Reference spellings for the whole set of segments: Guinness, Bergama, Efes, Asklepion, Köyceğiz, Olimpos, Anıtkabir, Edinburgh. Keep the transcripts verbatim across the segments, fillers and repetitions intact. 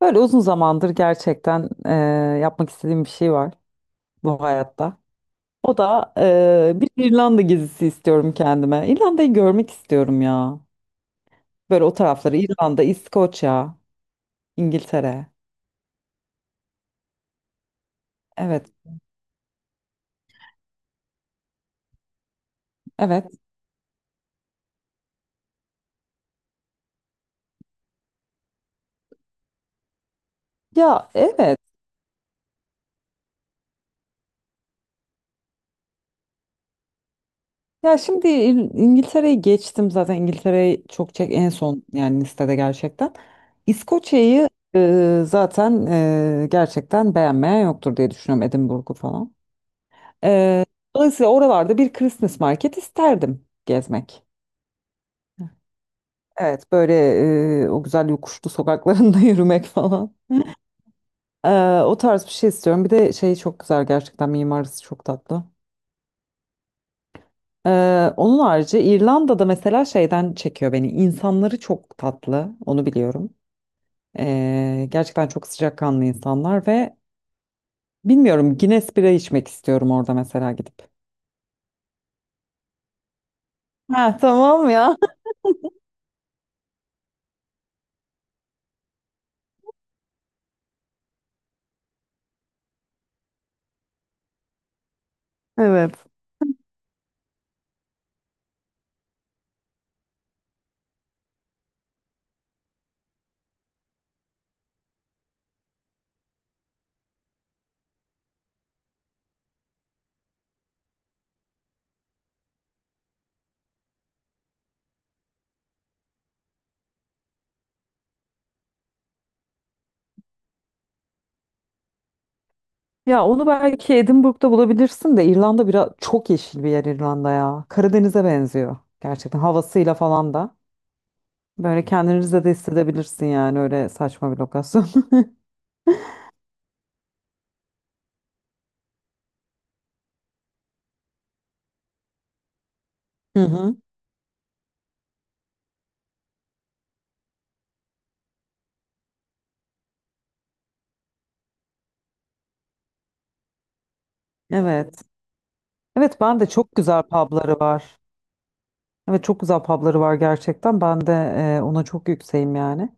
Böyle uzun zamandır gerçekten e, yapmak istediğim bir şey var bu hayatta. O da e, bir İrlanda gezisi istiyorum kendime. İrlanda'yı görmek istiyorum ya. Böyle o tarafları İrlanda, İskoçya, İngiltere. Evet, evet. Ya evet. Ya şimdi İl- İngiltere'yi geçtim zaten, İngiltere'yi çok çek en son yani listede gerçekten. İskoçya'yı e, zaten e, gerçekten beğenmeyen yoktur diye düşünüyorum, Edinburgh'u falan. Ee, dolayısıyla oralarda bir Christmas market isterdim gezmek. Evet, böyle e, o güzel yokuşlu sokaklarında yürümek falan. Ee, o tarz bir şey istiyorum. Bir de şey çok güzel gerçekten, mimarisi çok tatlı. Ee, onun harici İrlanda'da mesela şeyden çekiyor beni. İnsanları çok tatlı, onu biliyorum. Ee, gerçekten çok sıcakkanlı insanlar ve bilmiyorum, Guinness bira içmek istiyorum orada mesela gidip. Ha, tamam ya. Evet. Ya onu belki Edinburgh'da bulabilirsin de, İrlanda biraz çok yeşil bir yer İrlanda ya. Karadeniz'e benziyor gerçekten havasıyla falan da. Böyle kendinizi de hissedebilirsin yani, öyle saçma bir lokasyon. Hı hı. Evet. Evet ben de, çok güzel pubları var. Evet, çok güzel pubları var gerçekten. Ben de e, ona çok yükseğim yani.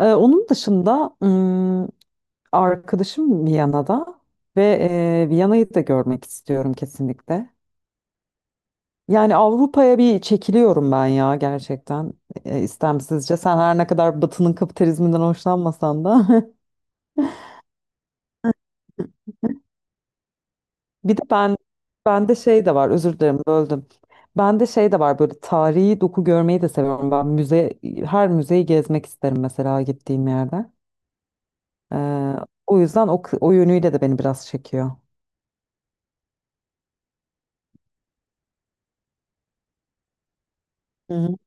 E, onun dışında ım, arkadaşım Viyana'da ve e, Viyana'yı da görmek istiyorum kesinlikle. Yani Avrupa'ya bir çekiliyorum ben ya gerçekten e, istemsizce. Sen her ne kadar Batı'nın kapitalizminden hoşlanmasan da. Bir de ben bende şey de var, özür dilerim, böldüm. Bende şey de var, böyle tarihi doku görmeyi de seviyorum. Ben müze her müzeyi gezmek isterim mesela gittiğim yerde. Ee, o yüzden o, kı- o yönüyle de beni biraz çekiyor. Hı hı.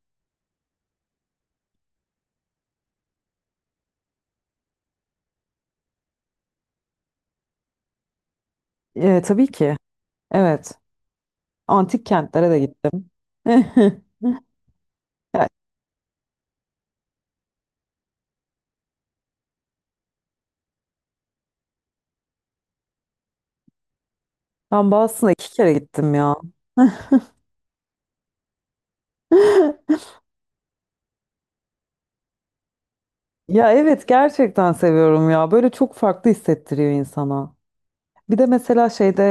Ee, tabii ki. Evet. Antik kentlere de gittim. Ya, ben Boston'a iki kere gittim ya. Ya evet gerçekten seviyorum ya. Böyle çok farklı hissettiriyor insana. Bir de mesela şeyde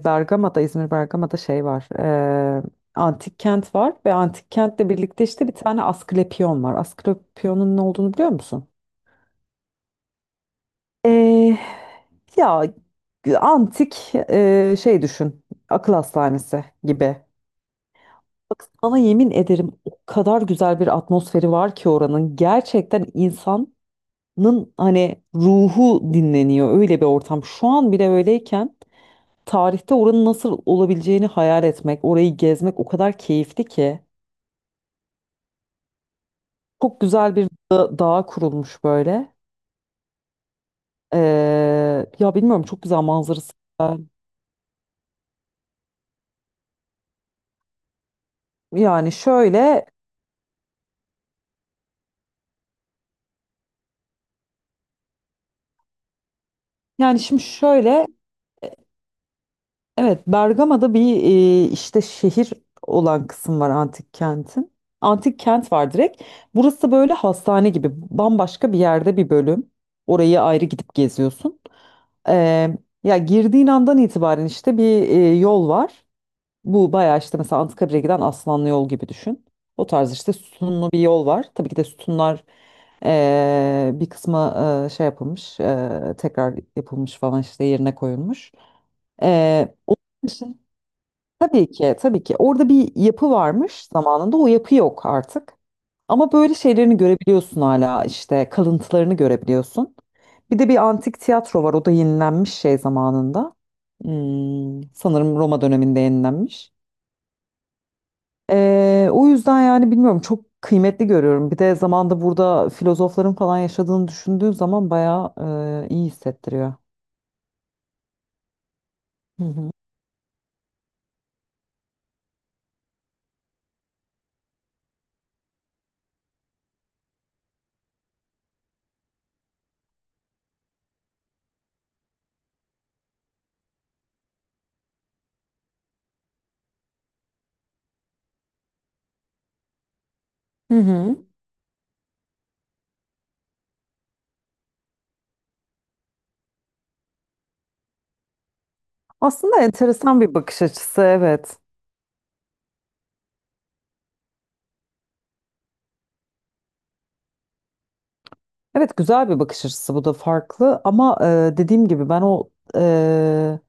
e, Bergama'da, İzmir Bergama'da şey var. e, antik kent var ve antik kentle birlikte işte bir tane Asklepion var. Asklepion'un ne olduğunu biliyor musun? E, ya antik e, şey düşün. Akıl hastanesi gibi. Bak sana yemin ederim, o kadar güzel bir atmosferi var ki oranın. Gerçekten insan nın hani ruhu dinleniyor, öyle bir ortam. Şu an bile öyleyken tarihte oranın nasıl olabileceğini hayal etmek, orayı gezmek o kadar keyifli ki. Çok güzel bir da dağ kurulmuş böyle. Ee, ya bilmiyorum, çok güzel manzarası. Var. Yani şöyle yani şimdi şöyle, evet, Bergama'da bir e, işte şehir olan kısım var antik kentin. Antik kent var direkt. Burası böyle hastane gibi, bambaşka bir yerde bir bölüm. Orayı ayrı gidip geziyorsun. Eee, ya girdiğin andan itibaren işte bir e, yol var. Bu bayağı işte mesela Anıtkabir'e giden Aslanlı yol gibi düşün. O tarz işte sütunlu bir yol var. Tabii ki de sütunlar eee, bir kısmı eee, şey yapılmış, eee, tekrar yapılmış falan, işte yerine koyulmuş. Eee, Onun için Tabii ki, tabii ki. Orada bir yapı varmış zamanında. O yapı yok artık. Ama böyle şeylerini görebiliyorsun, hala işte kalıntılarını görebiliyorsun. Bir de bir antik tiyatro var. O da yenilenmiş şey zamanında. Hmm, sanırım Roma döneminde yenilenmiş. Ee, o yüzden yani bilmiyorum, çok kıymetli görüyorum. Bir de zamanda burada filozofların falan yaşadığını düşündüğün zaman bayağı e, iyi hissettiriyor. Hı hı. Hı hı. Aslında enteresan bir bakış açısı, evet. Evet, güzel bir bakış açısı, bu da farklı ama e, dediğim gibi, ben o e,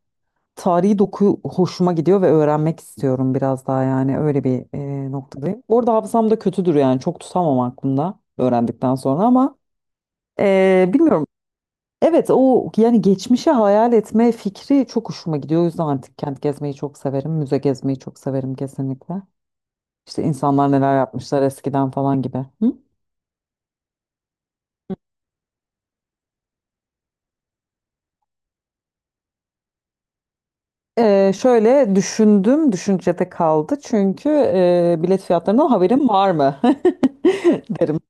tarihi doku hoşuma gidiyor ve öğrenmek istiyorum biraz daha, yani öyle bir e, noktadayım. Bu arada hafızam da kötüdür yani, çok tutamam aklımda öğrendikten sonra ama e, bilmiyorum. Evet, o yani geçmişi hayal etme fikri çok hoşuma gidiyor. O yüzden antik kent gezmeyi çok severim. Müze gezmeyi çok severim kesinlikle. İşte insanlar neler yapmışlar eskiden falan gibi. Hı? Ee, şöyle düşündüm, düşüncede kaldı. Çünkü e, bilet fiyatlarından haberim var mı? derim.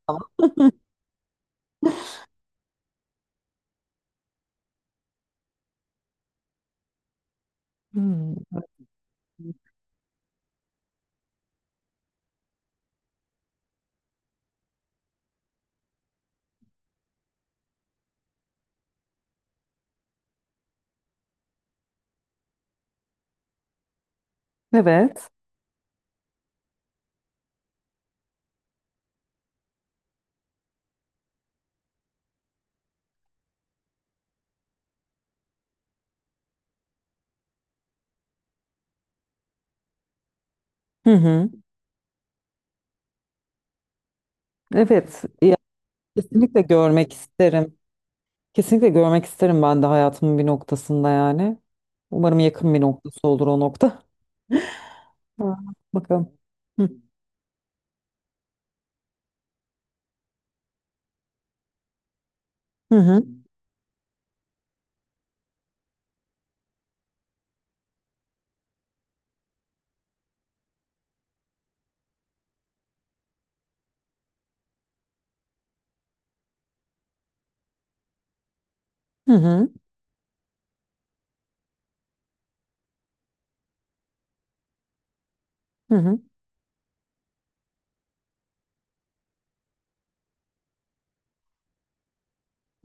Hmm. Evet. Hı hı. Evet. Ya, kesinlikle görmek isterim. Kesinlikle görmek isterim ben de hayatımın bir noktasında yani. Umarım yakın bir noktası olur o nokta. Ha, bakalım. Hı hı. Hı hı. Hı hı. Hı hı.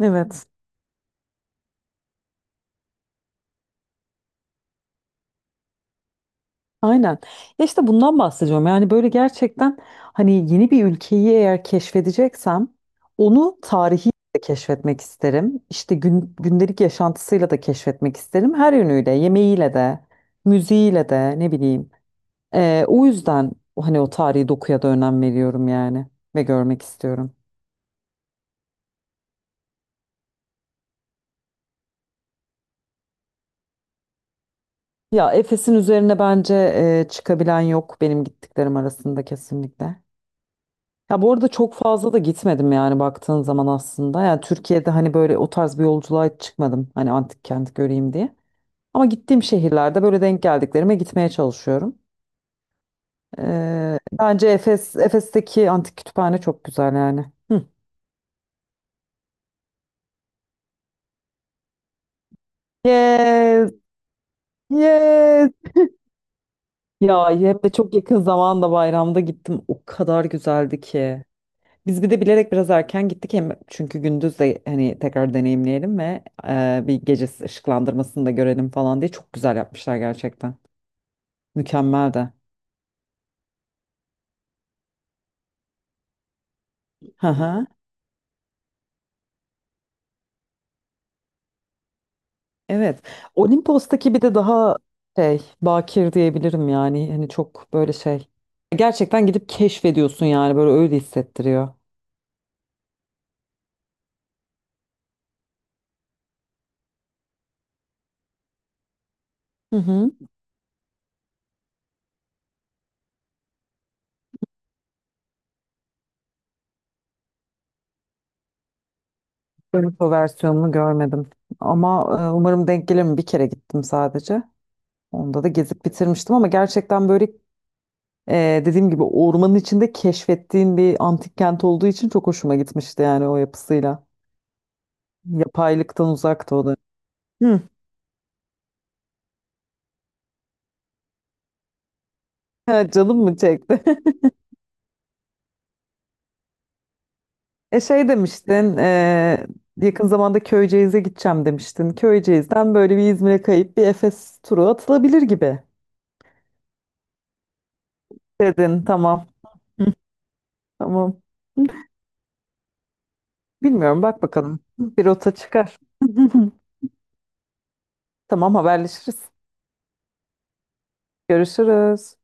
Evet. Aynen. Ya işte bundan bahsediyorum. Yani böyle gerçekten hani, yeni bir ülkeyi eğer keşfedeceksem onu tarihi de keşfetmek isterim. İşte gün, gündelik yaşantısıyla da keşfetmek isterim. Her yönüyle, yemeğiyle de, müziğiyle de, ne bileyim. Ee, o yüzden hani o tarihi dokuya da önem veriyorum yani, ve görmek istiyorum. Ya, Efes'in üzerine bence e, çıkabilen yok benim gittiklerim arasında kesinlikle. Ya bu arada çok fazla da gitmedim yani, baktığın zaman aslında. Yani Türkiye'de hani böyle o tarz bir yolculuğa hiç çıkmadım. Hani antik kent göreyim diye. Ama gittiğim şehirlerde böyle denk geldiklerime gitmeye çalışıyorum. Ee, bence Efes, Efes'teki antik kütüphane çok güzel yani. Hı. Yes, yes. Ya hem de çok yakın zamanda, bayramda gittim. O kadar güzeldi ki. Biz bir de bilerek biraz erken gittik hem, çünkü gündüz de hani tekrar deneyimleyelim ve e, bir gece ışıklandırmasını da görelim falan diye, çok güzel yapmışlar gerçekten. Mükemmel de. Hı hı. Evet. Olimpos'taki bir de daha şey, bakir diyebilirim yani, hani çok böyle şey. Gerçekten gidip keşfediyorsun yani, böyle öyle hissettiriyor. Hı hı. Ben o versiyonunu görmedim ama e, umarım denk gelirim, bir kere gittim sadece. Onda da gezip bitirmiştim ama gerçekten böyle Ee, dediğim gibi, ormanın içinde keşfettiğin bir antik kent olduğu için çok hoşuma gitmişti yani, o yapısıyla. Yapaylıktan uzaktı o da. Hı. Ha, canım mı çekti? E şey demiştin, e, yakın zamanda Köyceğiz'e gideceğim demiştin. Köyceğiz'den böyle bir İzmir'e kayıp bir Efes turu atılabilir gibi dedin. Tamam, tamam. Bilmiyorum, bak bakalım. Bir rota çıkar. Tamam, haberleşiriz. Görüşürüz.